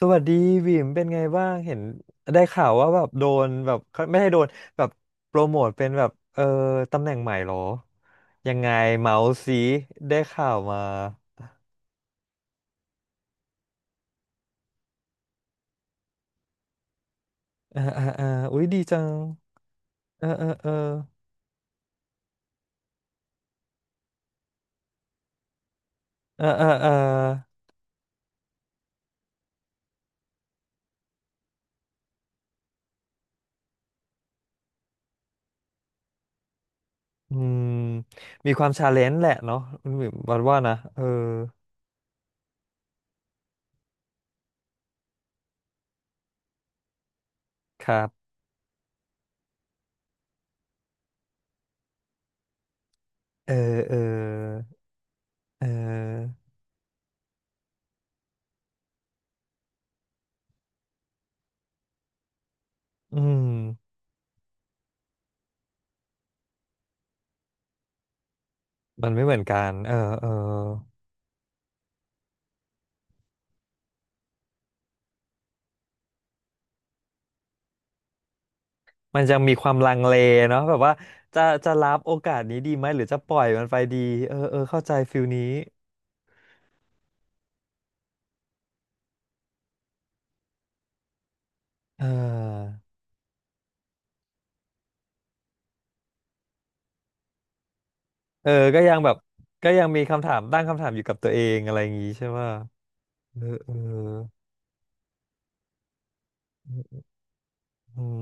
สวัสดีวิมเป็นไงบ้างเห็นได้ข่าวว่าแบบโดนแบบไม่ใช้โดนแบบโปรโมทเป็นแบบตำแหน่งใหม่เหรอยังไงเมาส์ซีได้ข่าวมาเออเออเอออุ้ยดีจังเออเออเออเออเออเอออืมมีความชาเลนจ์แหละเนาะคุณวิมวันว่านะเออครับเออเออเอออืมมันไม่เหมือนกันเออเออ มันยังมีความลังเลเนาะแบบว่าจะรับโอกาสนี้ดีไหมหรือจะปล่อยมันไปดีเออเออเข้าใจฟิลนี้เออเออก็ยังแบบก็ยังมีคำถามตั้งคำถามอยู่กับตัวเองอะไรอย่างงี้ใช่ไหมเออเออ อืม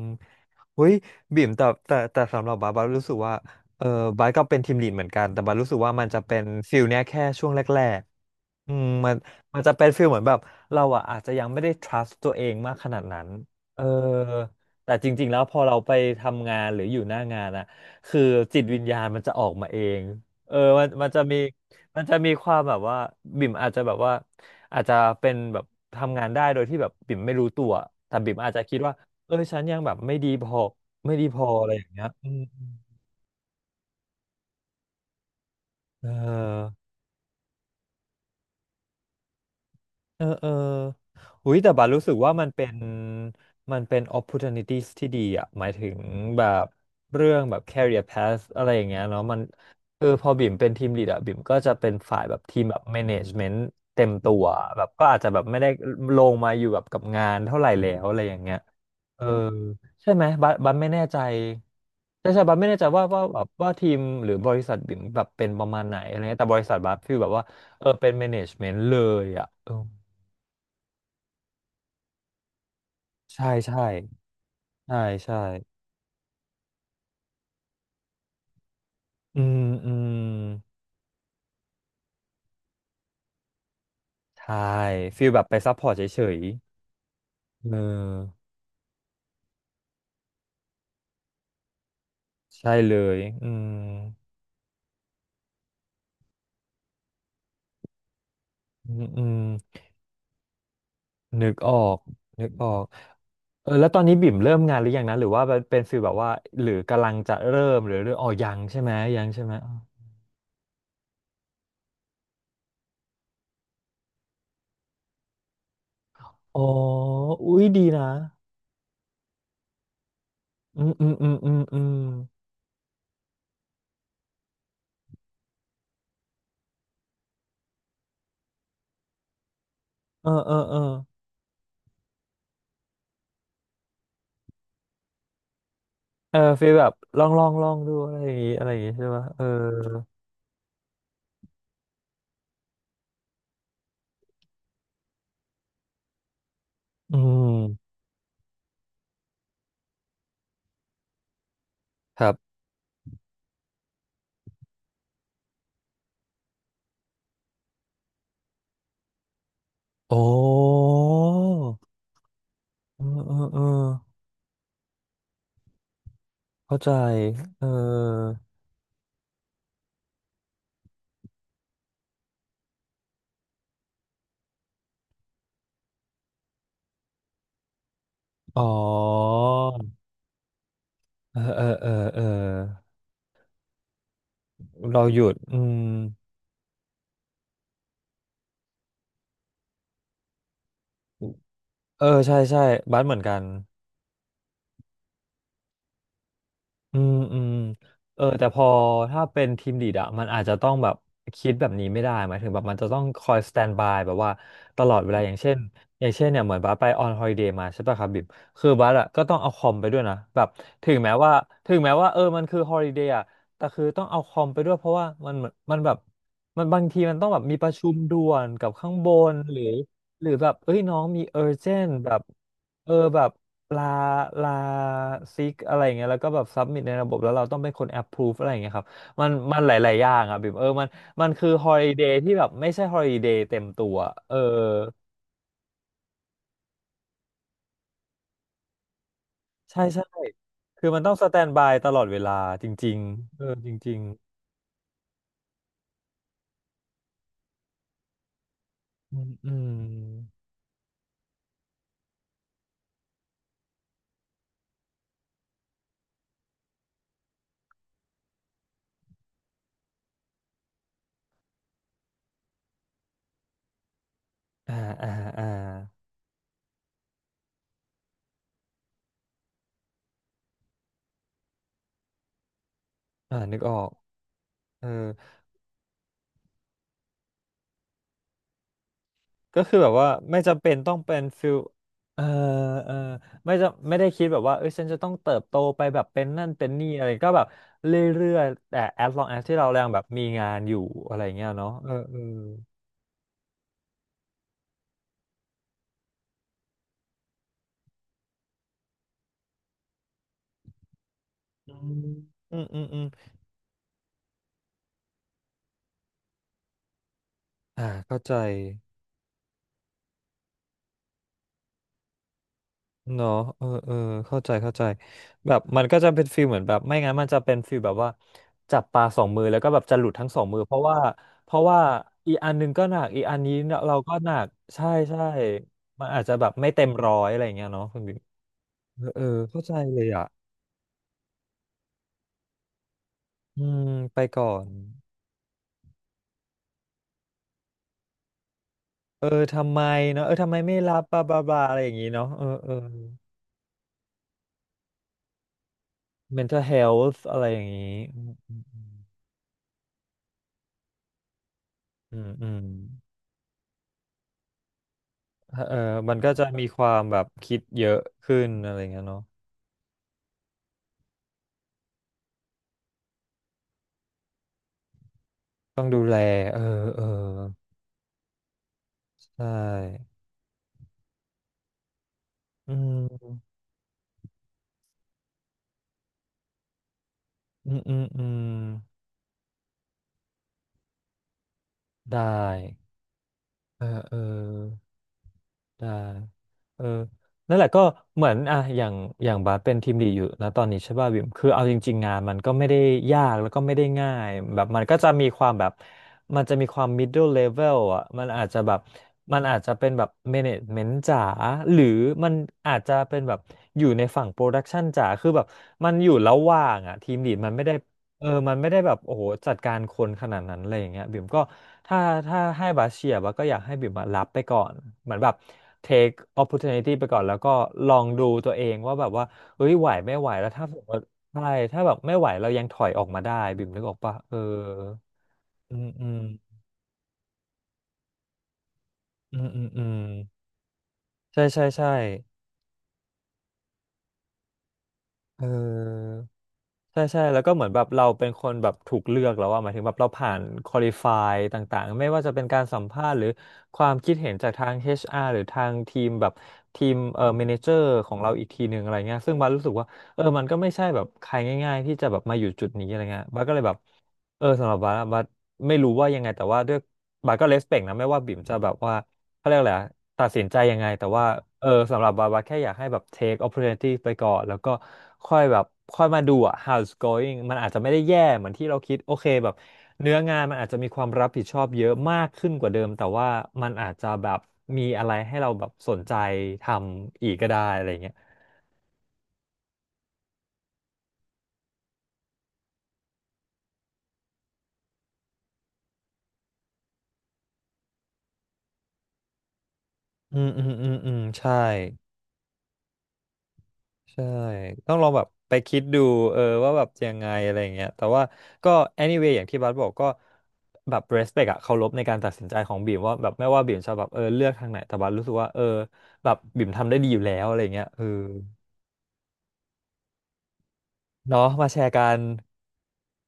อุ้ยบิ่มแต่สำหรับบาสรู้สึกว่าเออบาสก็เป็นทีมลีดเหมือนกันแต่บาสรู้สึกว่ามันจะเป็นฟิลเนี้ยแค่ช่วงแรกๆอืมมันจะเป็นฟิลเหมือนแบบเราอ่ะอาจจะยังไม่ได้ trust ตัวเองมากขนาดนั้นเออแต่จริงๆแล้วพอเราไปทำงานหรืออยู่หน้างานอะคือจิตวิญญาณมันจะออกมาเองเออมันจะมีมันจะมีความแบบว่าบิ่มอาจจะแบบว่าอาจจะเป็นแบบทำงานได้โดยที่แบบบิ่มไม่รู้ตัวแต่บิ่มอาจจะคิดว่า เออฉันยังแบบไม่ดีพออะไรอย่างเงี้ยอืมเออเออเออหุยแต่บัดรู้สึกว่ามันเป็น opportunities ที่ดีอ่ะหมายถึงแบบเรื่องแบบ career path อะไรอย่างเงี้ยเนาะมันเออพอบิ่มเป็นทีม lead อ่ะบิ่มก็จะเป็นฝ่ายแบบทีมแบบ management เต็มตัวแบบก็อาจจะแบบไม่ได้ลงมาอยู่แบบกับงานเท่าไหร่แล้วอะไรอย่างเงี้ย เออใช่ไหมบัสไม่แน่ใจใช่ใช่บัสไม่แน่ใจว่าแบบว่าทีมหรือบริษัทบิ่มแบบเป็นประมาณไหนอะไรเงี้ยแต่บริษัทบัสฟีลแบบว่าเออเป็น management เลยอ่ะเออใช่ใช่ใช่ใช่อืมอืมใช่ฟีลแบบไปซัพพอร์ตเฉยๆเออใช่เลยอืมอืมอืมนึกออกนึกออกเออแล้วตอนนี้บิ่มเริ่มงานหรือยังนะหรือว่าเป็นฟีลแบบว่าหรือกำลังจะเริ่มหรือหรืออ๋อยังใช่ไหมยังใช่ไหม อ๋อ อุ้ยดีนะอืมอืมอืมอืมอืมเออเออเออเออฟีลแบบลองดูอะไรอย่างงี้อะไรอย่างงี้ใช่ปหะเอออืมครับโอ้เออเออเออเข้าใจเอออ๋อเออเออเออเออเราหยุดอืมเออใช่ใช่บัสเหมือนกัน อืมอืมเออแต่พอถ้าเป็นทีมลีดอะมันอาจจะต้องแบบคิดแบบนี้ไม่ได้หมายถึงแบบมันจะต้องคอยสแตนบายแบบว่าตลอดเวลาอย่างเช่นเนี่ยเหมือนบัสไปออนฮอ i ิเดย์มาใช่ป่ะครับบิ๊มคือบัสอะก็ต้องเอาคอมไปด้วยนะแบบถึงแม้ว่าถึงแม้ว่าเออมันคือฮอ l i เดย์อะแต่คือต้องเอาคอมไปด้วยเพราะว่ามันเหมือนมันแบบมันบางทีมันต้องแบบมีประชุมด่วนกับข้างบนหรือแบบเอ้ยน้องมีเออร์เจนแบบเออแบบ ลาลาซิกอะไรอย่างเงี้ยแล้วก็แบบซับมิ t ในระบบแล้วเราต้องเป็นคน approve อะไรอย่างเงี้ยครับมันหลายๆอย่างอ่ะบิมเออมันมันคือ holiday ที่แบบไม่ใช่ holiday เต็มตัวเออใช่ใช่คือมันต้องสแตนบายตลอดเวลาจริงๆเออจริงๆอืมอืมอ่าอ่าอ่าอ่านึกออกเออ ก็คือแบบว่าไม่จำเป็นต้องเป็นฟิลเออเออไม่จะไม่ได้คิดแบบว่าเอ้ยฉันจะต้องเติบโตไปแบบเป็นนั่นเป็นนี่อะไรก็แบบเรื่อยๆแต่ as long as ที่เรายังแบบมีงานอยู่อะไรเงี้ยเนาะเออเอออืมอืมอืมอืมอ่าเข้าใจ เนาะเออเออเข้าใจแบบมันก็จะเป็นฟีลเหมือนแบบไม่งั้นมันจะเป็นฟีลแบบว่าจับปลาสองมือแล้วก็แบบจะหลุดทั้งสองมือเพราะว่าอีกอันหนึงก็หนักอีกอันนี้เราก็หนักใช่ใช่มันอาจจะแบบไม่เต็มร้อยอะไรอย่างเงี้ยเนาะคุณบิ๊กเออเออเข้าใจเลยอ่ะอืมไปก่อนเออทำไมเนาะเออทำไมไม่รับบลาบลาบลาอะไรอย่างงี้เนาะเออเออ mental health อะไรอย่างงี้อืมอืมอืม เออมันก็จะมีความแบบคิดเยอะขึ้นอะไรเงี้ยเนาะต้องดูแล เออ เออใช่อืม อืม อืมอืมได้ เออเออ ได้เออนั่นแหละก็เหมือนอ่ะอย่างบาสเป็นทีมลีดอยู่นะตอนนี้ใช่ป่ะวิมคือเอาจริงๆงานมันก็ไม่ได้ยากแล้วก็ไม่ได้ง่ายแบบมันก็จะมีความแบบมันจะมีความ middle level อ่ะมันอาจจะแบบมันอาจจะเป็นแบบ management จ๋าหรือมันอาจจะเป็นแบบอยู่ในฝั่ง production จ๋าคือแบบมันอยู่ระหว่างอ่ะทีมลีดมันไม่ได้ เออมันไม่ได้แบบโอ้โหจัดการคนขนาดนั้นอะไรอย่างเงี้ยบิ่มก็ถ้าถ้าให้บาสเชียร์บาสก็อยากให้บิ่มมารับไปก่อนเหมือนแบบ take opportunity ไปก่อนแล้วก็ลองดูตัวเองว่าแบบว่าเฮ้ยไหวไม่ไหวแล้วถ้าสมมติใช่ถ้าแบบไม่ไหวเรายังถอยออกมาได้บิ่มนึกออกปะเอออืมอืมอืมอืมอืมใช่ใช่ใช่เออ ใช่ใช่แล้วก็เหมือนแบบเราเป็นคนแบบถูกเลือกแล้วว่าหมายถึงแบบเราผ่านควอลิฟายต่างๆไม่ว่าจะเป็นการสัมภาษณ์หรือความคิดเห็นจากทาง HR หรือทางทีมแบบทีมเมเนเจอร์ของเราอีกทีหนึ่งอะไรเงี้ยซึ่งบาสรู้สึกว่าเออมันก็ไม่ใช่แบบใครง่ายๆที่จะแบบมาอยู่จุดนี้อะไรเงี้ยบาสก็เลยแบบเออสำหรับบาสอะบาสไม่รู้ว่ายังไงแต่ว่าด้วยบาสก็เลสเปกนะไม่ว่าบิ่มจะแบบว่า เขาเรียกอะไรอะตัดสินใจยังไง แต่ว่าเออสำหรับบาบาแค่อยากให้แบบ take opportunity ไปก่อนแล้วก็ค่อยแบบค่อยมาดูอะ how it's going มันอาจจะไม่ได้แย่เหมือนที่เราคิด โอเคแบบเนื้องานมันอาจจะมีความรับผิดชอบเยอะมากขึ้นกว่าเดิม แต่ว่ามันอาจจะแบบมีอะไรให้เราแบบสนใจทำอีกก็ได้อะไรเงี้ยอืมอืมอืมอืมใช่ ใช่ต้องลองแบบไปคิดดูเออว่าแบบยังไงอะไรอย่างเงี้ยแต่ว่าก็ anyway อย่างที่บัสบอกก็แบบ respect อะเคารพในการตัดสินใจของบีมว่าแบบไม่ว่าบีมจะแบบเออเลือกทางไหนแต่บัสรู้สึกว่าเออแบบบีมทำได้ดีอยู่แล้วอะไรเงี้ยเออเนาะมาแชร์กัน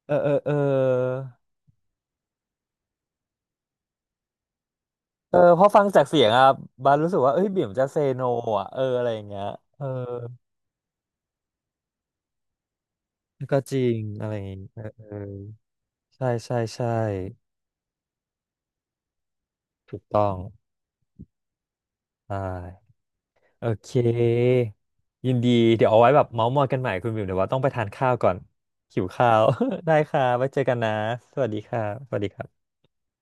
เออเออเออเออพอฟังจากเสียงอะบัสรู้สึกว่าเอ้ยบีมจะเซโนอะเอออะไรอย่างเงี้ยเออก็จริงอะไรอย่างเงี้ยเออเออใช่ใช่ใช่ถูกต้องใช่ โอเค ยินดี เดี๋ยวเอาไว้แบบเมาท์มอยกันใหม่คุณบิวเดี๋ยวว่าต้องไปทานข้าวก่อนหิวข้าว ได้ค่ะไว้เจอกันนะ สวัสดีค่ะ สวัสดีครับ